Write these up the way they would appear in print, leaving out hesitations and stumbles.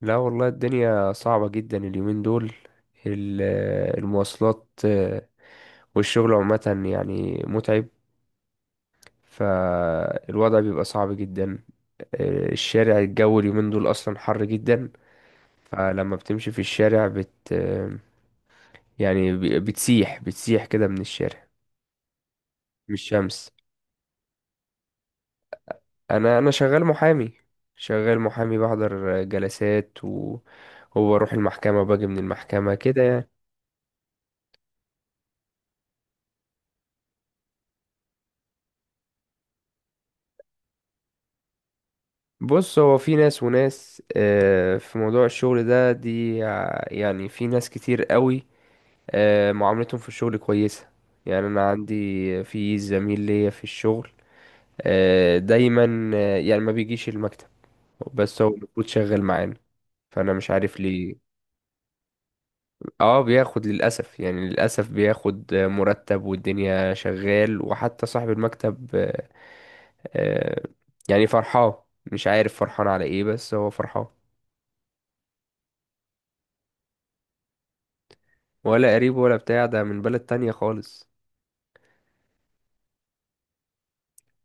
لا والله الدنيا صعبة جدا اليومين دول. ال- المواصلات، والشغل عامة يعني متعب. فالوضع بيبقى صعب جدا. الشارع، الجو اليومين دول أصلا حر جدا. فلما بتمشي في الشارع بت آه، يعني بتسيح بتسيح كده من الشارع من الشمس. أنا شغال محامي. شغال محامي، بحضر جلسات وبروح المحكمة وباجي من المحكمة كده. بص، هو في ناس وناس، في موضوع الشغل ده يعني في ناس كتير قوي معاملتهم في الشغل كويسة. يعني انا عندي، في زميل ليا في الشغل دايما يعني ما بيجيش المكتب، بس هو المفروض شغال معانا، فانا مش عارف ليه. اه بياخد، للاسف يعني للاسف بياخد مرتب، والدنيا شغال، وحتى صاحب المكتب آه، يعني فرحان. مش عارف فرحان على ايه، بس هو فرحان. ولا قريب ولا بتاع، ده من بلد تانية خالص.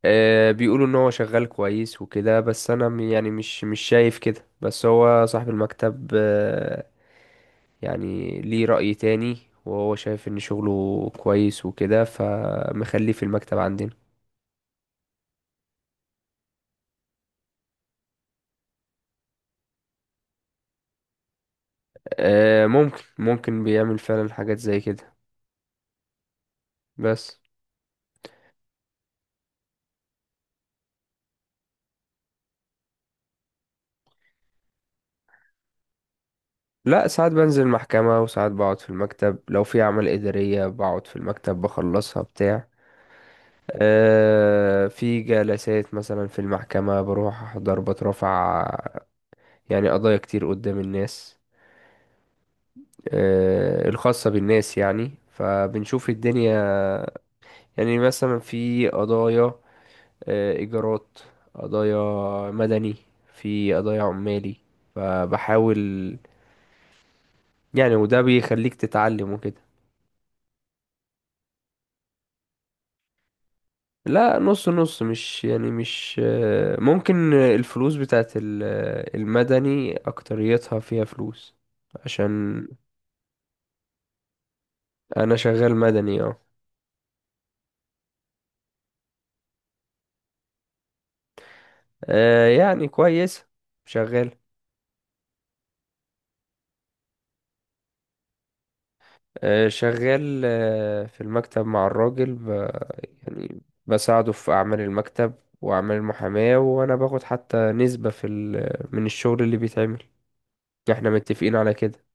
آه، بيقولوا ان هو شغال كويس وكده، بس انا يعني مش شايف كده. بس هو صاحب المكتب آه، يعني ليه رأي تاني، وهو شايف ان شغله كويس وكده، فمخليه في المكتب عندنا. آه، ممكن بيعمل فعلا حاجات زي كده، بس... لا، ساعات بنزل المحكمة وساعات بقعد في المكتب. لو في أعمال إدارية بقعد في المكتب بخلصها بتاع. في جلسات مثلا في المحكمة بروح أحضر، بترفع يعني قضايا كتير قدام الناس الخاصة بالناس. يعني فبنشوف الدنيا. يعني مثلا في قضايا إيجارات، قضايا مدني، في قضايا عمالي. فبحاول يعني، وده بيخليك تتعلم وكده. لا، نص نص. مش يعني مش ممكن. الفلوس بتاعت المدني أكتريتها فيها فلوس. عشان أنا شغال مدني، اه. يعني كويس. شغال في المكتب مع الراجل يعني بساعده في أعمال المكتب وأعمال المحاماة. وأنا باخد حتى نسبة من الشغل اللي بيتعمل، احنا متفقين على كده.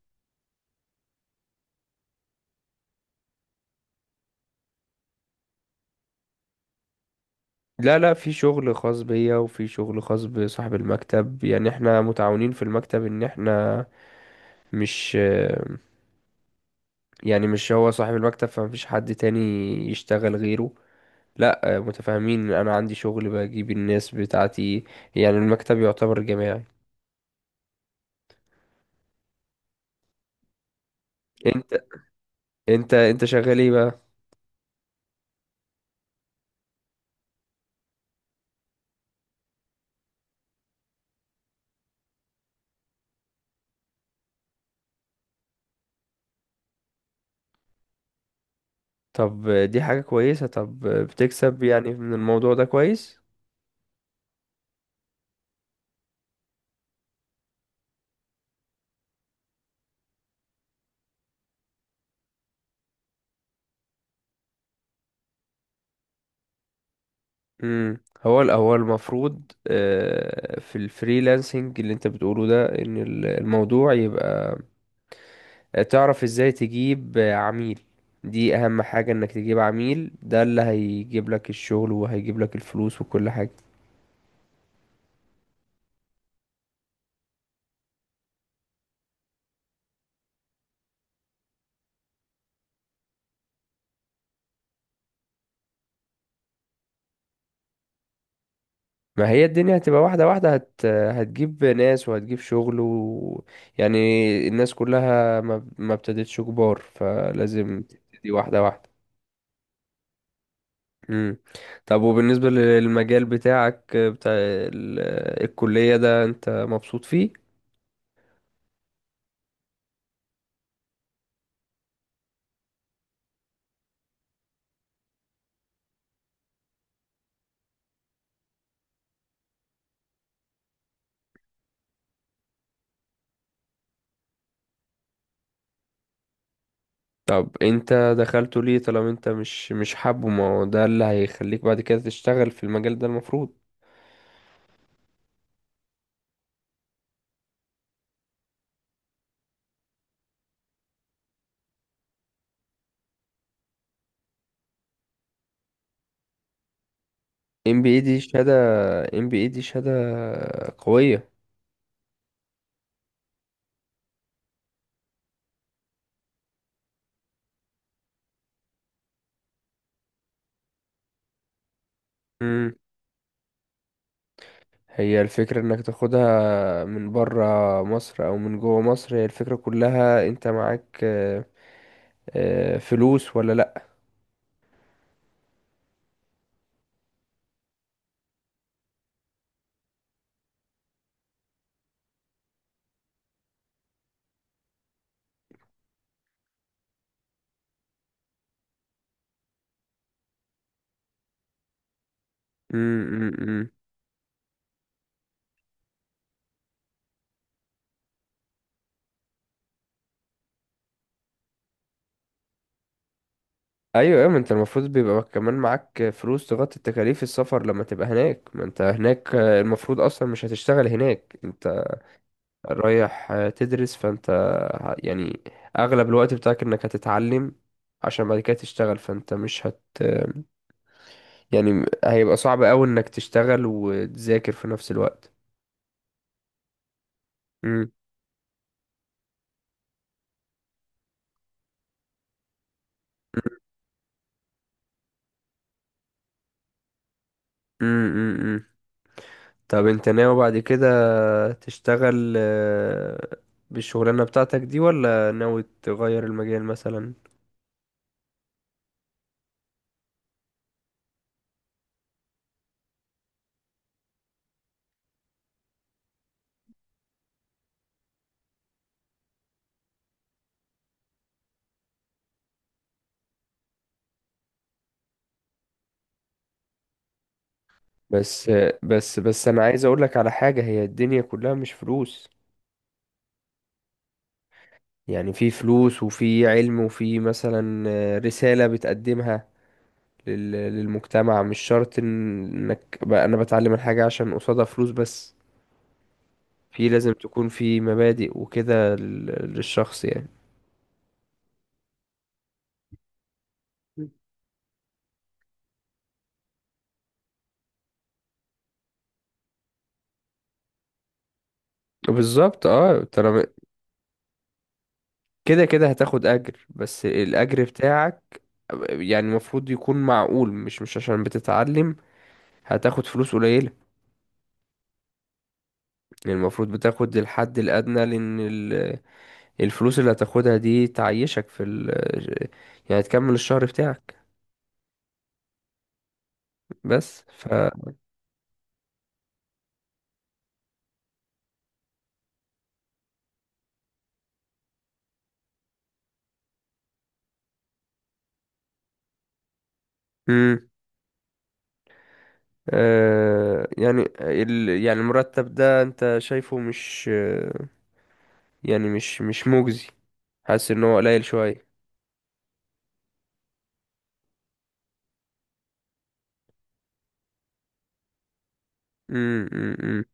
لا لا، في شغل خاص بيا وفي شغل خاص بصاحب المكتب. يعني احنا متعاونين في المكتب، ان احنا مش يعني مش هو صاحب المكتب فمفيش حد تاني يشتغل غيره. لا، متفاهمين، انا عندي شغل بجيب الناس بتاعتي. يعني المكتب يعتبر جماعي. انت انت شغال ايه بقى؟ طب دي حاجة كويسة. طب بتكسب يعني من الموضوع ده كويس؟ امم هو هو المفروض في الفريلانسنج اللي انت بتقوله ده، ان الموضوع يبقى تعرف ازاي تجيب عميل. دي اهم حاجة، انك تجيب عميل. ده اللي هيجيب لك الشغل وهيجيب لك الفلوس وكل حاجة. ما هي الدنيا هتبقى واحدة واحدة. هتجيب ناس وهتجيب شغل يعني الناس كلها ما ابتدتش كبار، فلازم تبتدي واحدة واحدة. مم. طب وبالنسبة للمجال بتاعك، بتاع الكلية ده، انت مبسوط فيه؟ طب انت دخلته ليه طالما انت مش حابه؟ ما هو ده اللي هيخليك بعد كده تشتغل في المجال ده، المفروض. ام بي اي دي شهادة ام بي اي دي شهادة قوية. مم. هي الفكرة انك تاخدها من برا مصر او من جوه مصر، هي الفكرة كلها انت معاك فلوس ولا لا؟ مم، مم، مم. ايوه ايوه، ما انت المفروض بيبقى كمان معاك فلوس تغطي تكاليف السفر لما تبقى هناك. ما انت هناك المفروض اصلا مش هتشتغل هناك. انت رايح تدرس، فانت يعني اغلب الوقت بتاعك انك هتتعلم، عشان بعد كده تشتغل. فانت مش هت يعني هيبقى صعب قوي انك تشتغل وتذاكر في نفس الوقت. مم. مم. مم. مم. طب انت ناوي بعد كده تشتغل بالشغلانة بتاعتك دي، ولا ناوي تغير المجال مثلا؟ بس بس بس، انا عايز اقول لك على حاجة. هي الدنيا كلها مش فلوس. يعني في فلوس وفي علم وفي مثلا رسالة بتقدمها للمجتمع. مش شرط، انك بقى انا بتعلم الحاجة عشان قصادها فلوس بس. في لازم تكون في مبادئ وكده للشخص يعني. بالظبط اه، طالما كده كده هتاخد اجر، بس الاجر بتاعك يعني المفروض يكون معقول. مش عشان بتتعلم هتاخد فلوس قليلة. يعني المفروض بتاخد الحد الأدنى، لأن الفلوس اللي هتاخدها دي تعيشك في ال يعني تكمل الشهر بتاعك. بس ف مم. يعني يعني المرتب ده أنت شايفه مش يعني مش مجزي؟ حاسس إن هو قليل شوية؟ مم، مم، مم.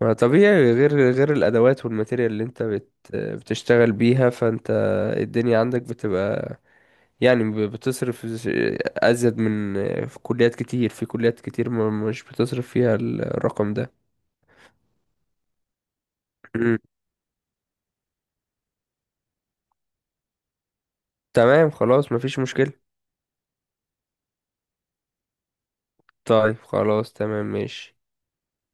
ما طبيعي، غير الأدوات والماتيريال اللي أنت بتشتغل بيها، فأنت الدنيا عندك بتبقى يعني أزيد من. في كليات كتير مش بتصرف فيها الرقم ده. مم. تمام خلاص، مفيش مشكلة. طيب خلاص تمام ماشي.